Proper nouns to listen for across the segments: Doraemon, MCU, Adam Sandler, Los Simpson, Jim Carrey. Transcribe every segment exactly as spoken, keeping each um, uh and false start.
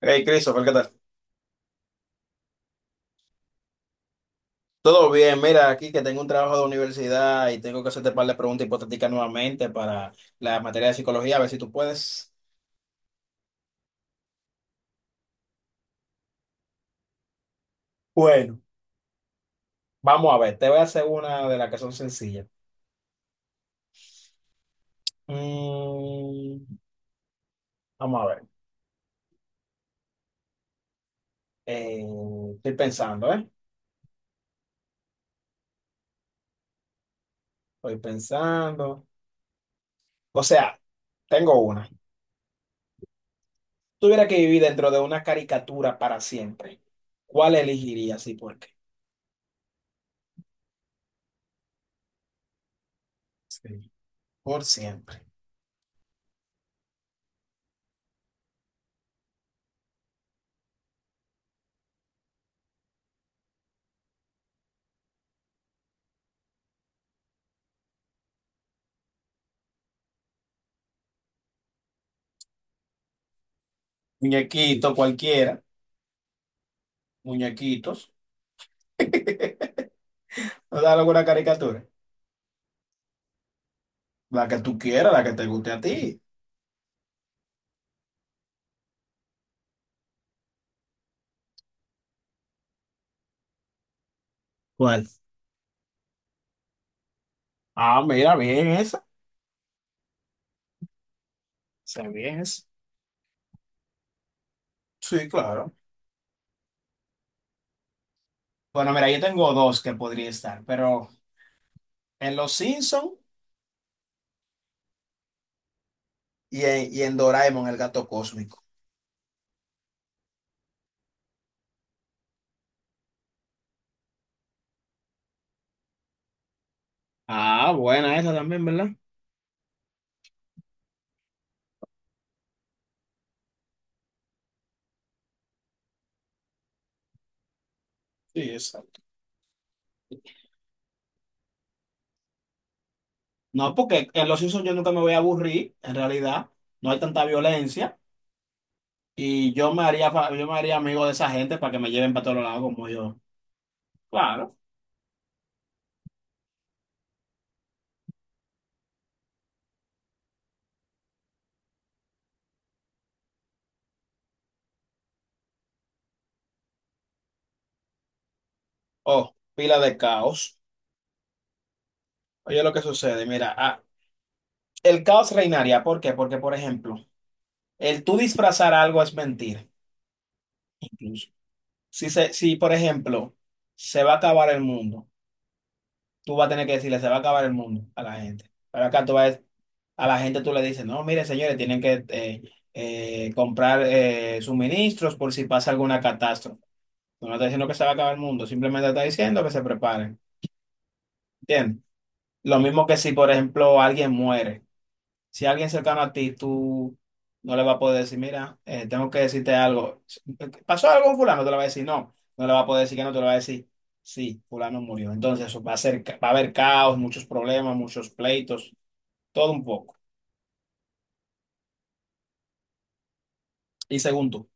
Hey, Christopher, ¿qué tal? Todo bien, mira, aquí que tengo un trabajo de universidad y tengo que hacerte un par de preguntas hipotéticas nuevamente para la materia de psicología, a ver si tú puedes. Bueno, vamos a ver, te voy a hacer una de las que son sencillas. Mm, vamos a ver, Eh, estoy pensando, ¿eh? Estoy pensando. O sea, tengo una. Si Tuviera que vivir dentro de una caricatura para siempre, ¿cuál elegirías y por qué? Sí. Por siempre. Muñequito, cualquiera, muñequitos. O sea, alguna caricatura. La que tú quieras, la que te guste a ti. ¿Cuál? Ah, mira, bien esa. Se ve bien esa. Sí, claro. Bueno, mira, yo tengo dos que podría estar, pero en Los Simpson y en, y en Doraemon, el gato cósmico. Ah, buena esa también, ¿verdad? Sí, exacto. No, porque en Los Simpsons yo nunca me voy a aburrir, en realidad. No hay tanta violencia. Y yo me haría, fa- yo me haría amigo de esa gente para que me lleven para todos lados como yo. Claro. Oh, pila de caos. Oye, lo que sucede, mira, El caos reinaría. ¿Por qué? Porque, por ejemplo, el tú disfrazar algo es mentir. Incluso. Si, se, si, por ejemplo, se va a acabar el mundo, tú vas a tener que decirle, se va a acabar el mundo a la gente. Pero acá tú vas, a la gente tú le dices, no, mire, señores, tienen que eh, eh, comprar eh, suministros por si pasa alguna catástrofe. Tú No está diciendo que se va a acabar el mundo, simplemente está diciendo que se preparen. ¿Entiendes? Lo mismo que si, por ejemplo, alguien muere. Si alguien cercano a ti, tú no le vas a poder decir, mira, eh, tengo que decirte algo. ¿Pasó algo con fulano? Te lo va a decir, no. No le va a poder decir que no, te lo va a decir, sí, fulano murió. Entonces eso va a ser, ca- va a haber caos, muchos problemas, muchos pleitos, todo un poco. Y según tú.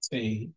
Sí.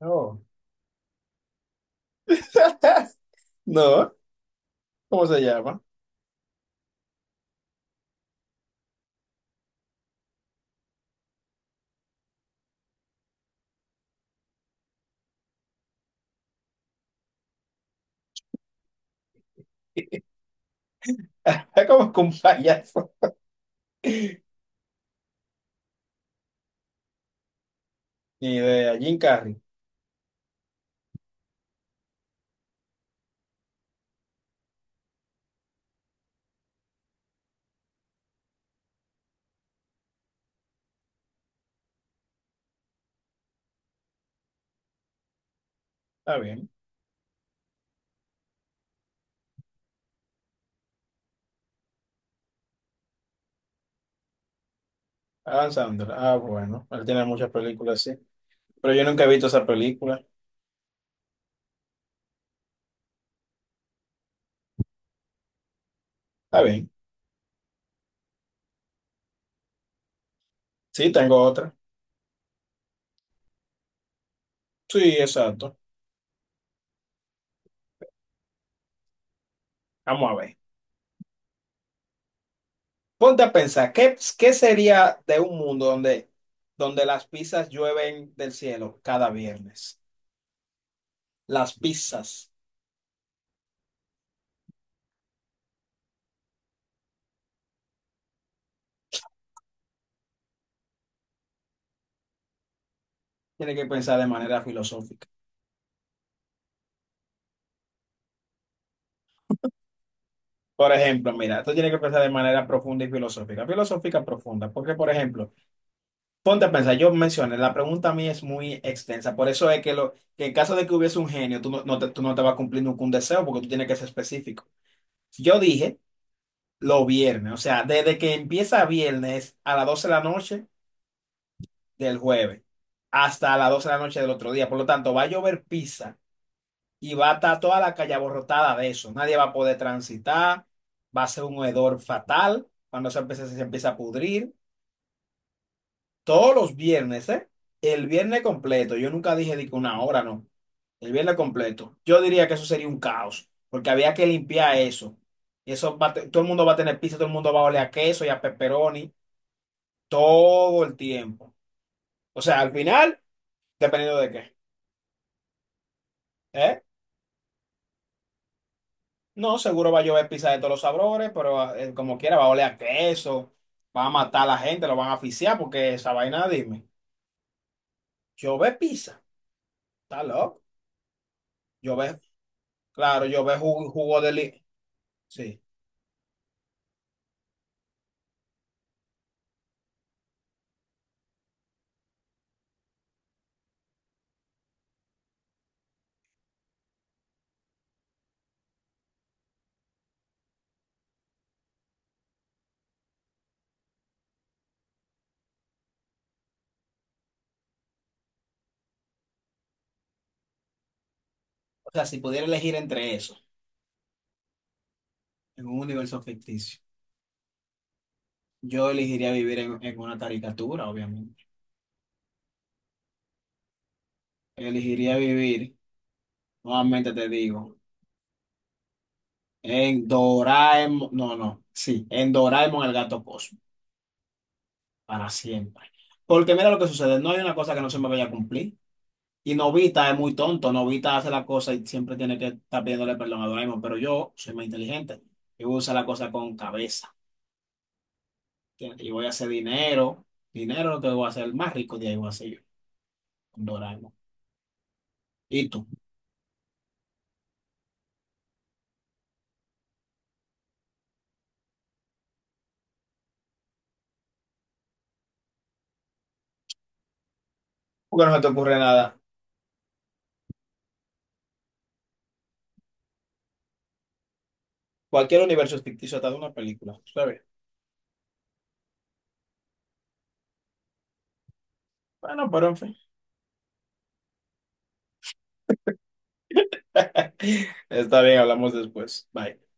Oh. No, ¿cómo se llama? Es como que un payaso. Ni idea, Jim Carrey. Está bien. Adam Sandler. Ah, bueno. Él tiene muchas películas, sí. Pero yo nunca he visto esa película. Está bien. Sí, tengo otra. Sí, exacto. Vamos a ver. Ponte a pensar, ¿qué, qué sería de un mundo donde, donde las pizzas llueven del cielo cada viernes? Las pizzas. Tienes que pensar de manera filosófica. Por ejemplo, mira, tú tienes que pensar de manera profunda y filosófica. Filosófica profunda, porque, por ejemplo, ponte a pensar, yo mencioné, la pregunta a mí es muy extensa. Por eso es que, lo, que en caso de que hubiese un genio, tú no, no te, tú no te vas a cumplir nunca un deseo, porque tú tienes que ser específico. Yo dije los viernes, o sea, desde que empieza viernes a las doce de la noche del jueves hasta las doce de la noche del otro día. Por lo tanto, va a llover pizza y va a estar toda la calle abarrotada de eso. Nadie va a poder transitar, va a ser un hedor fatal cuando se empieza, se empieza a pudrir. Todos los viernes, ¿eh? El viernes completo. Yo nunca dije de que una hora, no. El viernes completo. Yo diría que eso sería un caos, porque había que limpiar eso. Y eso va a te- todo el mundo va a tener pizza, todo el mundo va a oler a queso y a pepperoni, todo el tiempo. O sea, al final, dependiendo de qué. ¿Eh? No, seguro va a llover pizza de todos los sabores, pero eh, como quiera va a oler a queso, va a matar a la gente, lo van a asfixiar porque esa vaina, dime. Llover pizza, está loco. Llover, claro, llover jugo, jugo de li... Sí. O sea, si pudiera elegir entre eso, en un universo ficticio, yo elegiría vivir en, en una caricatura, obviamente. Elegiría vivir, nuevamente te digo, en Doraemon, no, no, sí, en Doraemon el gato Cosmo. Para siempre. Porque mira lo que sucede, no hay una cosa que no se me vaya a cumplir. Y Novita es muy tonto, Novita hace la cosa y siempre tiene que estar pidiéndole perdón a Doraemon, pero yo soy más inteligente y voy a usar la cosa con cabeza. ¿Entiendes? Y voy a hacer dinero, dinero lo que voy a hacer, el más rico de ahí voy a ser yo, con Doraemon. ¿Y tú? Porque no se te ocurre nada. Cualquier universo es ficticio, hasta de una película. Está bien. Bueno, pero en fin. Está bien, hablamos después. Bye.